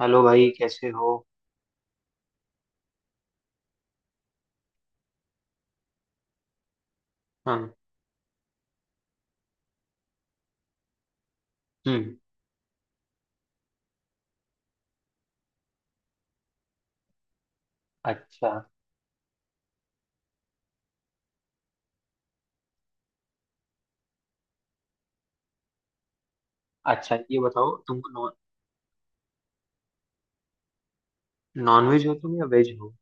Hello भाई, कैसे हो? हाँ। हम्म। अच्छा। अच्छा, ये बताओ, तुम नॉन वेज हो तुम या वेज हो?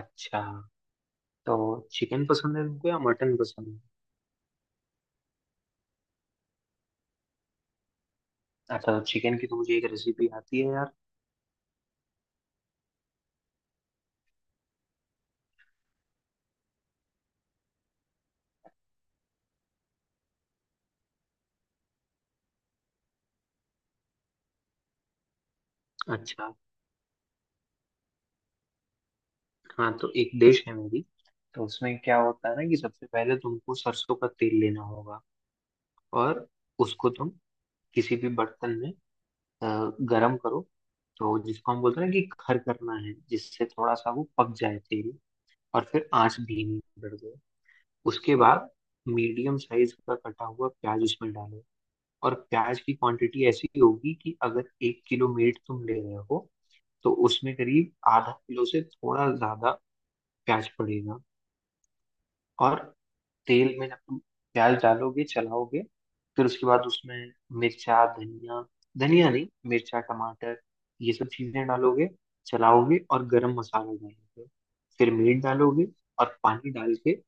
अच्छा, तो चिकन पसंद है तुमको या मटन पसंद है? अच्छा, तो चिकन की तो मुझे एक रेसिपी आती है यार। अच्छा। हाँ, तो एक डिश है मेरी। तो उसमें क्या होता है ना कि सबसे पहले तुमको सरसों का तेल लेना होगा। और उसको तुम किसी भी बर्तन में अ, गरम करो। तो जिसको हम बोलते हैं ना कि खर करना है, जिससे थोड़ा सा वो पक जाए तेल। और फिर आंच धीमी कर दो। उसके बाद मीडियम साइज का कटा हुआ प्याज उसमें डालो। और प्याज की क्वांटिटी ऐसी होगी कि अगर एक किलो मीट तुम ले रहे हो तो उसमें करीब आधा किलो से थोड़ा ज्यादा प्याज पड़ेगा। और तेल में जब तुम प्याज डालोगे, चलाओगे, फिर उसके बाद उसमें मिर्चा धनिया, धनिया नहीं, मिर्चा टमाटर, ये सब चीजें डालोगे, चलाओगे, और गरम मसाला डालोगे, फिर मीट डालोगे। और पानी डाल के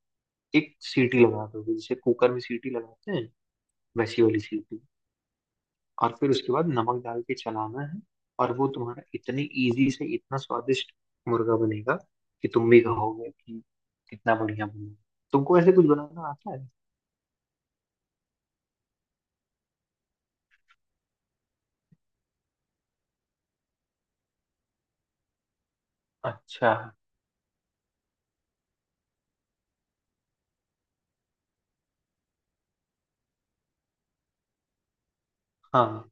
एक सीटी लगा दोगे, जैसे कुकर में सीटी लगाते हैं, वैसी वाली सीटी। और फिर उसके बाद नमक डाल के चलाना है। और वो तुम्हारा इतनी इजी से इतना स्वादिष्ट मुर्गा बनेगा कि तुम भी कहोगे कि कितना बढ़िया बना। तुमको ऐसे कुछ बनाना आता है? अच्छा। हाँ,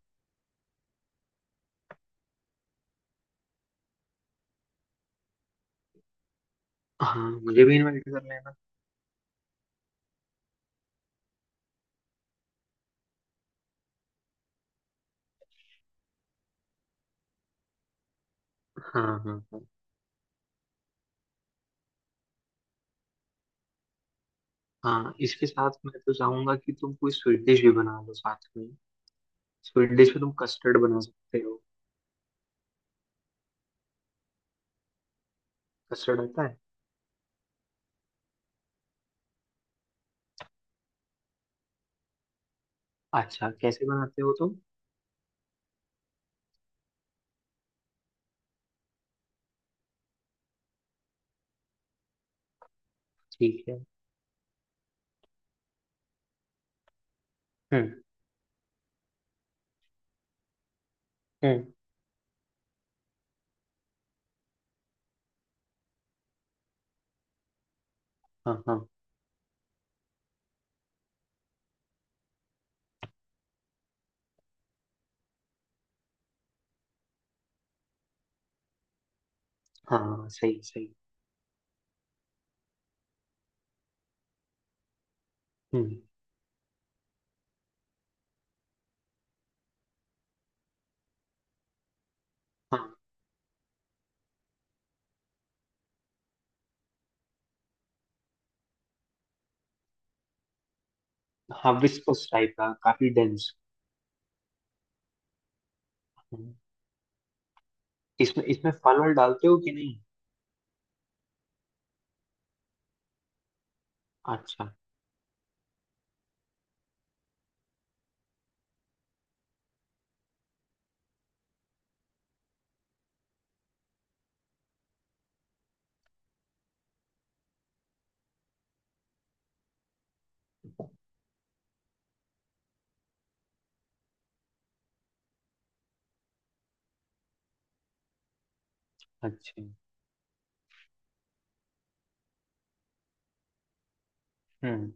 हाँ, मुझे भी इनवाइट कर लेना। हाँ, हाँ, हाँ। हाँ, इसके साथ मैं तो चाहूंगा कि तुम कोई स्वीट डिश भी बना लो साथ में। स्वीट डिश में तुम कस्टर्ड बना सकते हो। कस्टर्ड आता है? अच्छा, कैसे बनाते हो तुम? ठीक है। हम्म। हम्म। हाँ, हाँ। हाँ, सही सही। हम्म। हाँ। हाँ, विस्कोस टाइप का, काफी डेंस। इसमें इसमें फल वल डालते हो कि नहीं? अच्छा। अच्छा। हम्म।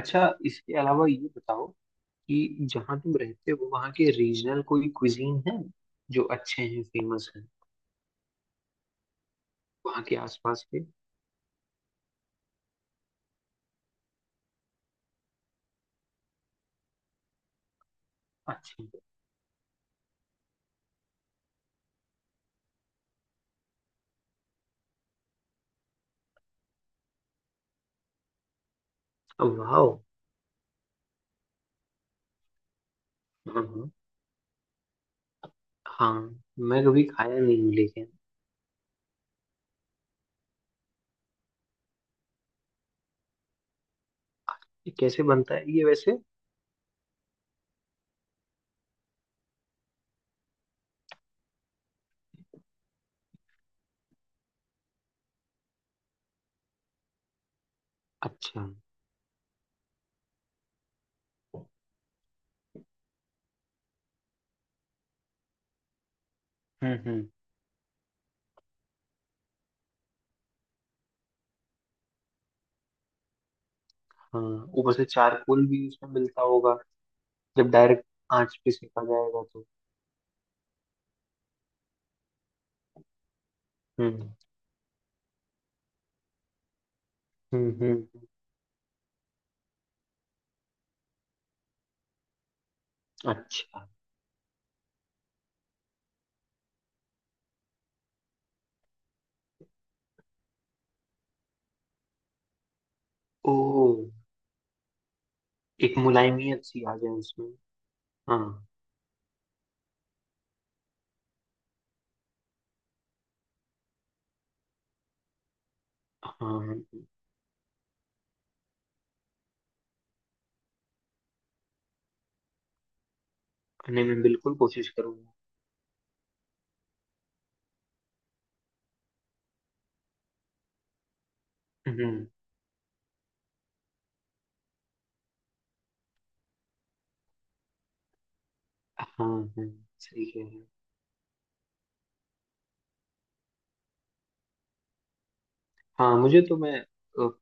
अच्छा, इसके अलावा ये बताओ कि जहाँ तुम रहते हो वहाँ के रीजनल कोई क्विजीन है जो अच्छे हैं, फेमस हैं, वहाँ के आसपास के? अच्छा। वाओ। हाँ, हाँ, हाँ। मैं कभी खाया नहीं हूँ लेकिन। ये कैसे बनता है ये वैसे? अच्छा, हम्म। हम्म। हाँ। ऊपर से चारकोल भी उसमें मिलता होगा जब डायरेक्ट आंच पे सेका जाएगा तो। हम्म, हम्म, हम्म। हम्म। अच्छा। ओ। एक मुलायमियत सी आ जाए उसमें। हाँ। हाँ, नहीं, मैं बिल्कुल कोशिश करूंगा। हम्म। हाँ, हाँ, सही कह रहे हैं। हाँ, मुझे तो, मैं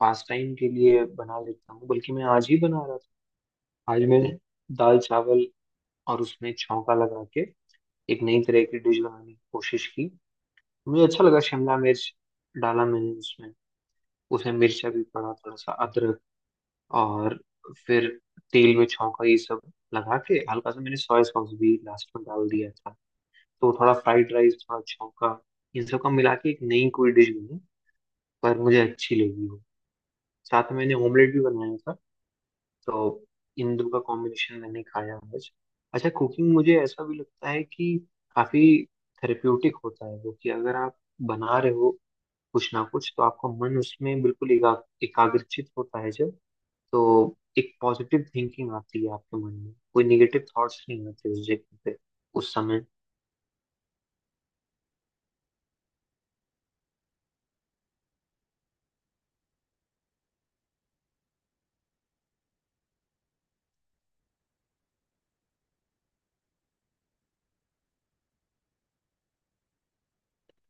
पास टाइम के लिए बना लेता हूँ, बल्कि मैं आज ही बना रहा था। आज मैं दाल चावल और उसमें छौंका लगा के एक नई तरह की डिश बनाने की कोशिश की। मुझे अच्छा लगा। शिमला मिर्च डाला मैंने उसमें। उसमें मिर्चा भी पड़ा, थोड़ा सा अदरक, और फिर तेल में छौंका ये सब लगा के, हल्का सा मैंने सोया सॉस भी लास्ट में डाल दिया था। तो थोड़ा फ्राइड राइस, थोड़ा छौंका, इन सब का मिला के एक नई कोई डिश बनी, पर मुझे अच्छी लगी वो। साथ में मैंने ऑमलेट भी बनाया था। तो इन दो का कॉम्बिनेशन मैंने खाया आज। अच्छा, कुकिंग मुझे ऐसा भी लगता है कि काफी थेरेप्यूटिक होता है वो, कि अगर आप बना रहे हो कुछ ना कुछ, तो आपका मन उसमें बिल्कुल एकाग्रचित होता है। जब तो एक पॉजिटिव थिंकिंग आती है आपके मन में, कोई निगेटिव थॉट्स नहीं आते उस जगह पे, उस समय।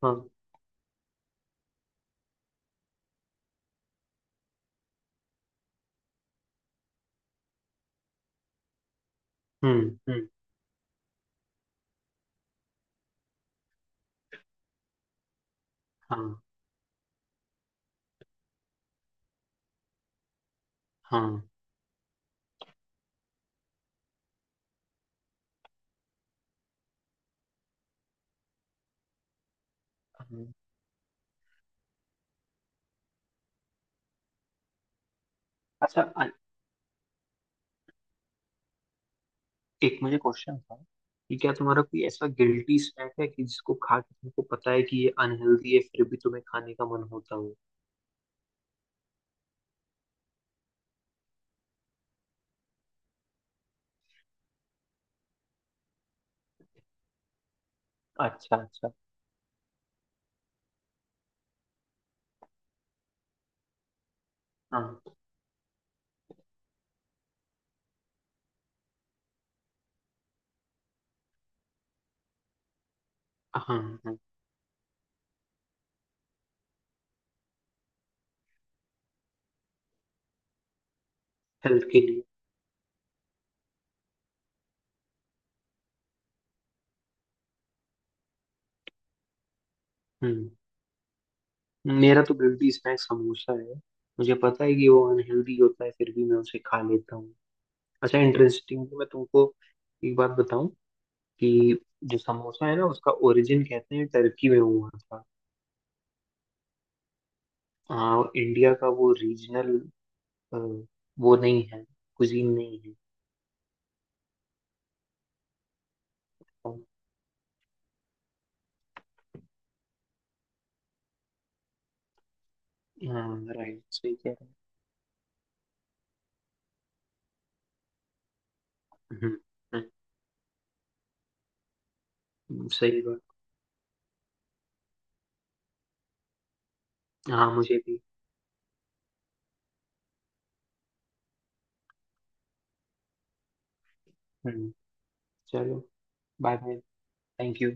हाँ। हम्म, हम्म। हाँ, हाँ, हाँ। अच्छा, एक मुझे क्वेश्चन था, कि क्या तुम्हारा कोई ऐसा गिल्टी स्नैक है कि जिसको खा के तुमको पता है कि ये अनहेल्दी है फिर भी तुम्हें खाने का मन होता हो? अच्छा। अच्छा। हाँ, हाँ, हाँ। हेल्थ के लिए। हम्म। मेरा तो गिल्टी स्नैक समोसा है। मुझे पता है कि वो अनहेल्दी होता है फिर भी मैं उसे खा लेता हूँ। अच्छा, इंटरेस्टिंग। मैं तुमको एक बात बताऊं, कि जो समोसा है ना, उसका ओरिजिन कहते हैं टर्की में हुआ था। हाँ, इंडिया का वो रीजनल वो नहीं है, कुजीन नहीं है। हाँ, राइट, सही कह रहे हैं। हम्म, सही बात। हाँ, मुझे भी। हम्म। चलो। Bye bye. Thank you.